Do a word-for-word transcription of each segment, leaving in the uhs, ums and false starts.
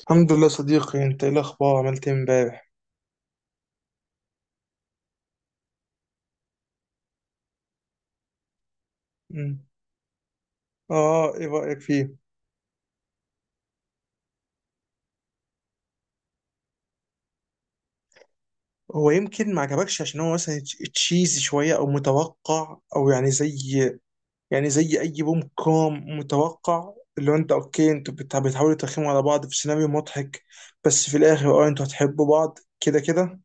الحمد لله صديقي، انت ايه الاخبار؟ عملت ايه امبارح؟ مم. اه ايه رايك فيه؟ هو يمكن ما عجبكش عشان هو مثلا تش- تشيزي شويه او متوقع او يعني زي يعني زي اي روم كوم متوقع، اللي هو انت اوكي، انتوا بتع- بتحاولوا ترخموا على بعض في سيناريو مضحك، بس في الاخر اه انتوا هتحبوا بعض كده كده.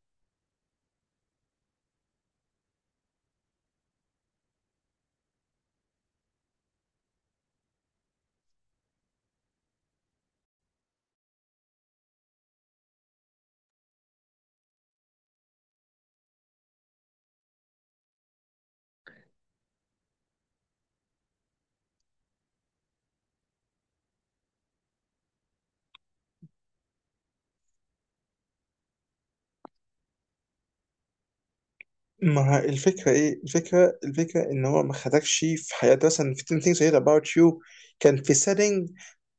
ما ه- الفكره ايه، الفكره الفكره ان هو ما خدكش في حياتي، مثلا في ten things I hate about you كان في setting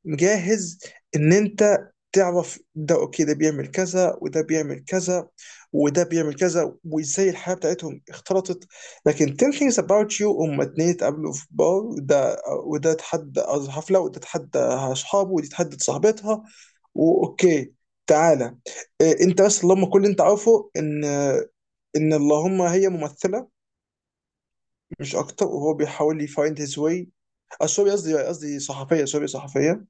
مجهز ان انت تعرف ده، اوكي ده بيعمل كذا وده بيعمل كذا وده بيعمل كذا، وازاي الحياه بتاعتهم اختلطت. لكن ten things about you هم اتنين اتقابلوا في بار، وده وده اتحدى أص- حفله، وده اتحدى اصحابه ودي اتحدت صاحبتها، واوكي تعالى إيه انت، بس اللهم كل اللي انت عارفه ان ان اللهم هي ممثله مش اكتر، وهو بيحاول يفايند هيز واي. سوري قصدي قصدي صحفيه، سوري صحفيه.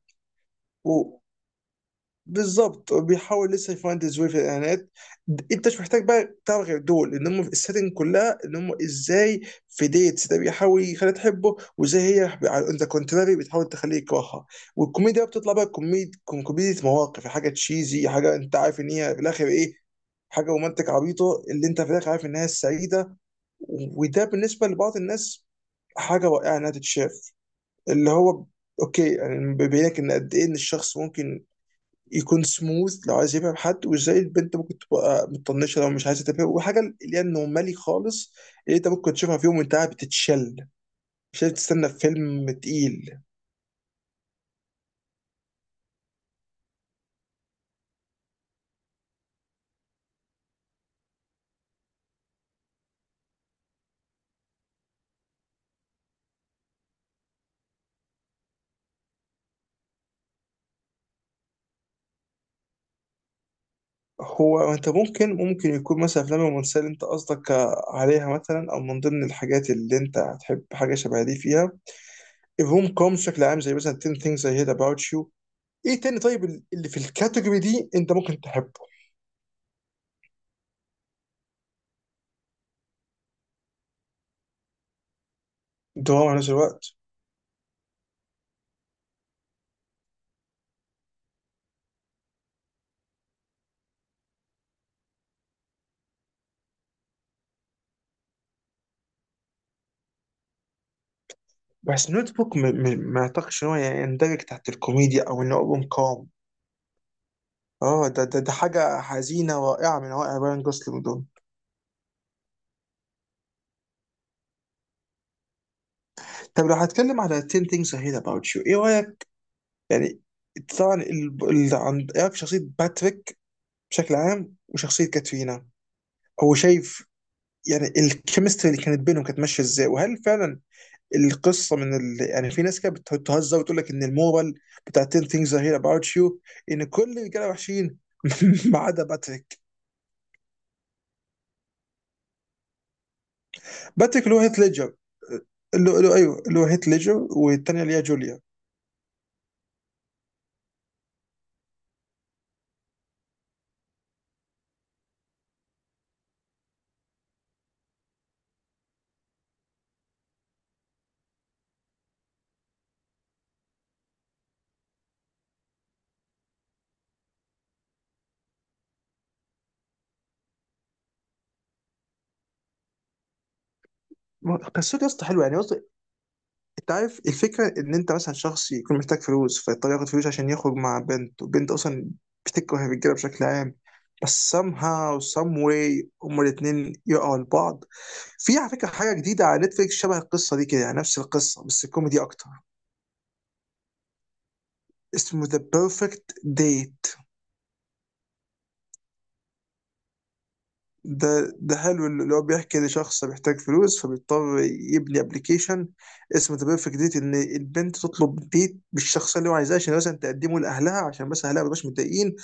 بالظبط، بيحاول لسه يفانتز ويه في الاعلانات. د- انت مش محتاج بقى تعرف غير دول، ان هم في السيتنج كلها، ان هم ازاي في ديتس ده بيحاول يخليها تحبه، وازاي هي انت كونتراري بتحاول تخليه يكرهها. والكوميديا بقى بتطلع بقى كوميد كوم- كوميديا مواقف، حاجه تشيزي، حاجه انت عارف ان هي في الاخر ايه، حاجه رومانتك عبيطه اللي انت في الاخر عارف انها السعيده. وده بالنسبه لبعض الناس حاجه رائعه انها تتشاف، اللي هو اوكي، يعني بيبين لك ان قد ايه ان الشخص ممكن يكون سموث لو عايز يفهم حد، وازاي البنت ممكن تبقى مطنشه لو مش عايزه تفهم، وحاجه اللي هي النورمالي خالص اللي انت ممكن تشوفها في يوم وانت قاعد بتتشل، مش لازم تستنى في فيلم تقيل. هو انت ممكن، ممكن يكون مثلا افلام الرومانسيه اللي انت قصدك عليها مثلا، او من ضمن الحاجات اللي انت هتحب حاجه شبه دي فيها، الروم كوم بشكل عام زي مثلا ten things I hate about you. ايه تاني طيب اللي في الكاتيجوري دي انت ممكن تحبه؟ دراما في نفس الوقت. بس نوت بوك، م- م- ما اعتقدش ان هو يندرج تحت الكوميديا او انه ابوم كوم. اه، ده, ده ده حاجه حزينه رائعه من رائع براين جوسلينج دول. طب لو هتكلم على ten things I hate about you ايه رايك يعني؟ طبعا ال... ال... عند- ايه رايك في شخصيه باتريك بشكل عام، وشخصيه كاترينا؟ هو شايف يعني الكيمستري اللي كانت بينهم كانت ماشيه ازاي؟ وهل فعلا القصه من ال... يعني في ناس كده بت- بتهزر وتقول لك ان المورال بتاع ten things I hate about you ان كل الرجاله وحشين ما عدا باتريك. باتريك اللي هو هيث ليدجر، اللي هو اللي هو- ايوه اللي هو هيث ليدجر، والثانيه اللي هي جوليا. ما- قصته يا اسطى حلوه، يعني قصدي انت عارف الفكره ان انت مثلا شخص يكون محتاج فلوس فيضطر ياخد فلوس عشان يخرج مع بنت، وبنت اصلا بتكره الرجاله بشكل عام، بس somehow some way هما الاثنين يقعوا لبعض. في على فكره حاجه جديده على نتفليكس شبه القصه دي كده، يعني نفس القصه بس كوميدي اكتر. اسمه ذا بيرفكت ديت. ده ده حلو، اللي هو بيحكي ان شخص محتاج فلوس فبيضطر يبني ابلكيشن اسمه ذا بيرفكت ديت، ان البنت تطلب ديت بالشخص اللي هو عايزاه عشان مثلا تقدمه لاهلها، عشان بس اهلها ما يبقاش متضايقين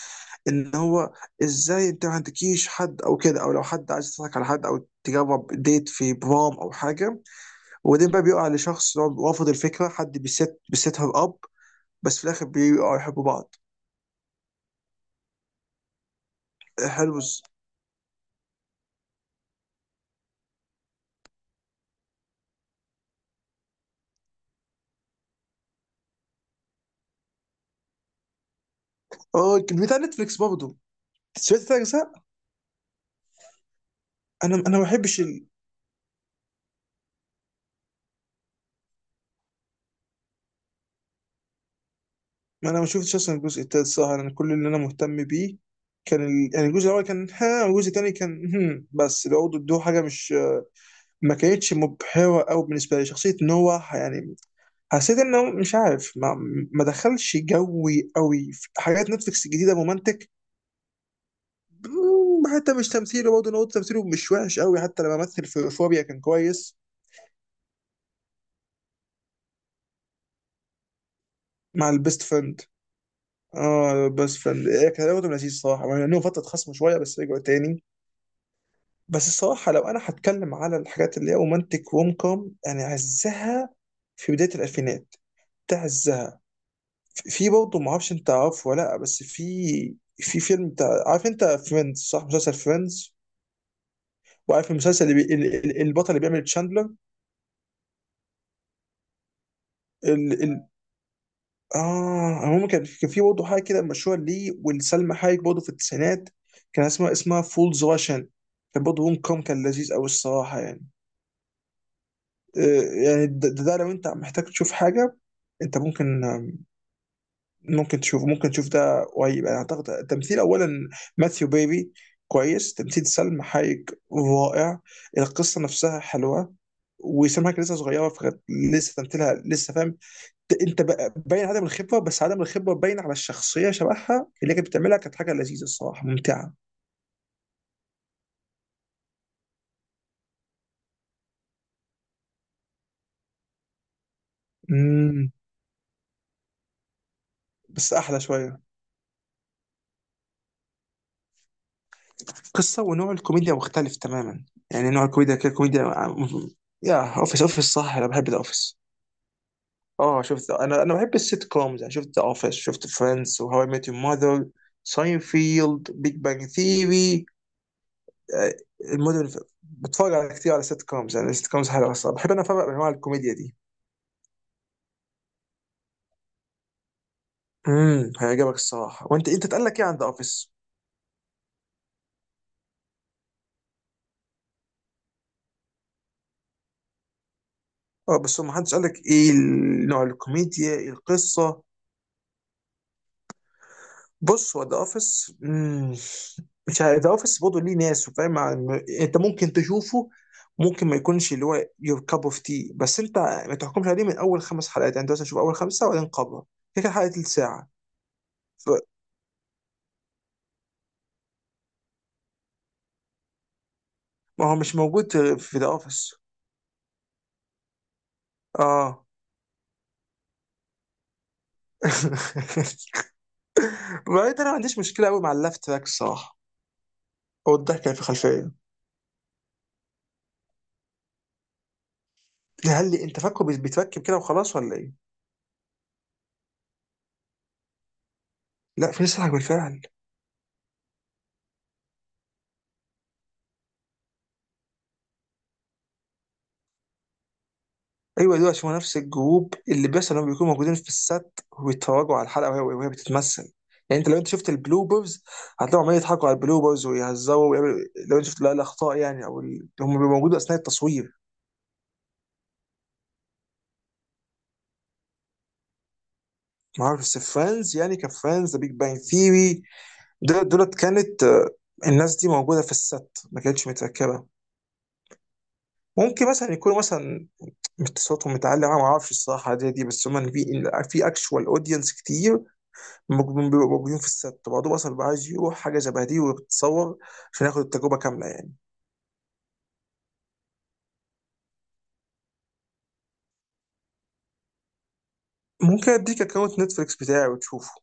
ان هو ازاي انت ما عندكيش حد او كده، او لو حد عايز يضحك على حد، او تجرب ديت في برام او حاجه، وبعدين بقى بيقع لشخص اللي هو رافض الفكره حد بيست بيست هير اب، بس في الاخر بيقعوا يحبوا بعض. حلو. اه، بتاع نتفليكس برضه. سمعت تلات اجزاء. انا انا ما بحبش. ما انا ما شفتش اصلا الجزء التالت صراحه، انا كل اللي انا مهتم بيه كان ال... يعني الجزء الاول كان ها، والجزء الثاني كان هم، بس برضه ادوه حاجه مش، ما كانتش مبهره قوي بالنسبه لي شخصيه نوح يعني. حسيت انه مش عارف ما, ما دخلش جوي قوي في حاجات نتفلكس الجديده رومانتك. حتى مش تمثيله برضه، انا قلت تمثيله مش وحش قوي، حتى لما مثل في فوبيا كان كويس. مع البيست فريند. اه بيست فريند كان برضه لذيذ صراحه يعني، انه فتره خصم شويه بس رجعوا تاني. بس الصراحة لو أنا هتكلم على الحاجات اللي هي رومانتك روم كوم، يعني عزها في بداية الألفينات، ده عزها. في برضه معرفش أنت عارفه ولا لأ، بس في في فيلم بتاع، عارف أنت فريندز صح؟ مسلسل فريندز، وعارف المسلسل اللي بي... ال- ال- البطل اللي بيعمل تشاندلر؟ ال... ال... آه المهم، كان كان في برضه حاجة كده مشهورة ليه ولسلمى حايك برضه في التسعينات، كان اسمها اسمها فولز راشن. كان برضه روم كوم، كان لذيذ أوي الصراحة يعني. آه، يعني ده, ده لو انت محتاج تشوف حاجه انت ممكن، ممكن تشوف ممكن تشوف ده قريب يعني. اعتقد التمثيل اولا، ماثيو بيبي كويس، تمثيل سلم حايك رائع، القصه نفسها حلوه. وسام حاجه لسه صغيره فكانت لسه تمثيلها لسه فاهم، ت- انت بقى- باين عدم الخبره، بس عدم الخبره باين على الشخصيه شبهها اللي كانت بتعملها، كانت حاجه لذيذه الصراحه ممتعه. امم. بس احلى شويه، قصة ونوع الكوميديا مختلف تماما، يعني نوع الكوميديا كده كوميديا. يا اوفيس، اوفيس صح، انا بحب الاوفيس. اه شفت، انا انا بحب السيت كومز يعني، شفت ذا اوفيس، شفت فريندز وهاو اي ميت يور ماذر، ساينفيلد، بيج بانج ثيري، المدن. بتفرج على كتير على سيت كومز يعني، السيت كومز حلوه الصراحه، بحب انا افرق بين انواع الكوميديا دي. امم، هيعجبك الصراحه. وانت انت اتقال لك ايه عند اوفيس؟ اه، بس هو ما حدش قال لك ايه نوع الكوميديا، إيه القصه؟ بص هو ذا اوفيس، مش عارف ذا اوفيس برضه ليه ناس وفاهم، مع- م- انت ممكن تشوفه، ممكن ما يكونش اللي هو يور كاب اوف تي، بس انت ما تحكمش عليه من اول خمس حلقات يعني، انت مثلا شوف اول خمسه وبعدين قبله، كده كده حلقه تلت ساعه. ف- ما هو مش موجود في ذا اوفيس. اه. بعدين انا ما عنديش مشكله قوي مع اللفت تراك الصراحه، او الضحكه اللي في الخلفيه. هل انت فاكره بيتفكم كده وخلاص ولا ايه؟ لا، في ناس تضحك بالفعل. ايوه دول عشان هو نفس الجروب اللي بيحصل انهم بيكونوا موجودين في السات ويتفرجوا على الحلقه وهي وهي بتتمثل، يعني انت لو انت شفت البلوبرز هتلاقيهم عمالين يضحكوا على البلوبرز ويهزروا ويعملوا. لو انت شفت لا الاخطاء يعني او ال... هم بيبقوا موجودين اثناء التصوير. ما اعرف، بس فريندز يعني، كان فريندز، ذا بيج بانج ثيري، دولت كانت آه، الناس دي موجوده في السات، ما كانتش متركبه. ممكن مثلا يكونوا مثلا صوتهم متعلق، أنا ما اعرفش الصراحه دي دي، بس هم في في اكشوال اودينس كتير، ممكن بيبقوا موجودين في الست، بعضهم اصلا بيبقى عايز يروح حاجه شبه دي ويتصور عشان ياخد التجربه كامله يعني. ممكن اديك اكونت نتفليكس بتاعي وتشوفه.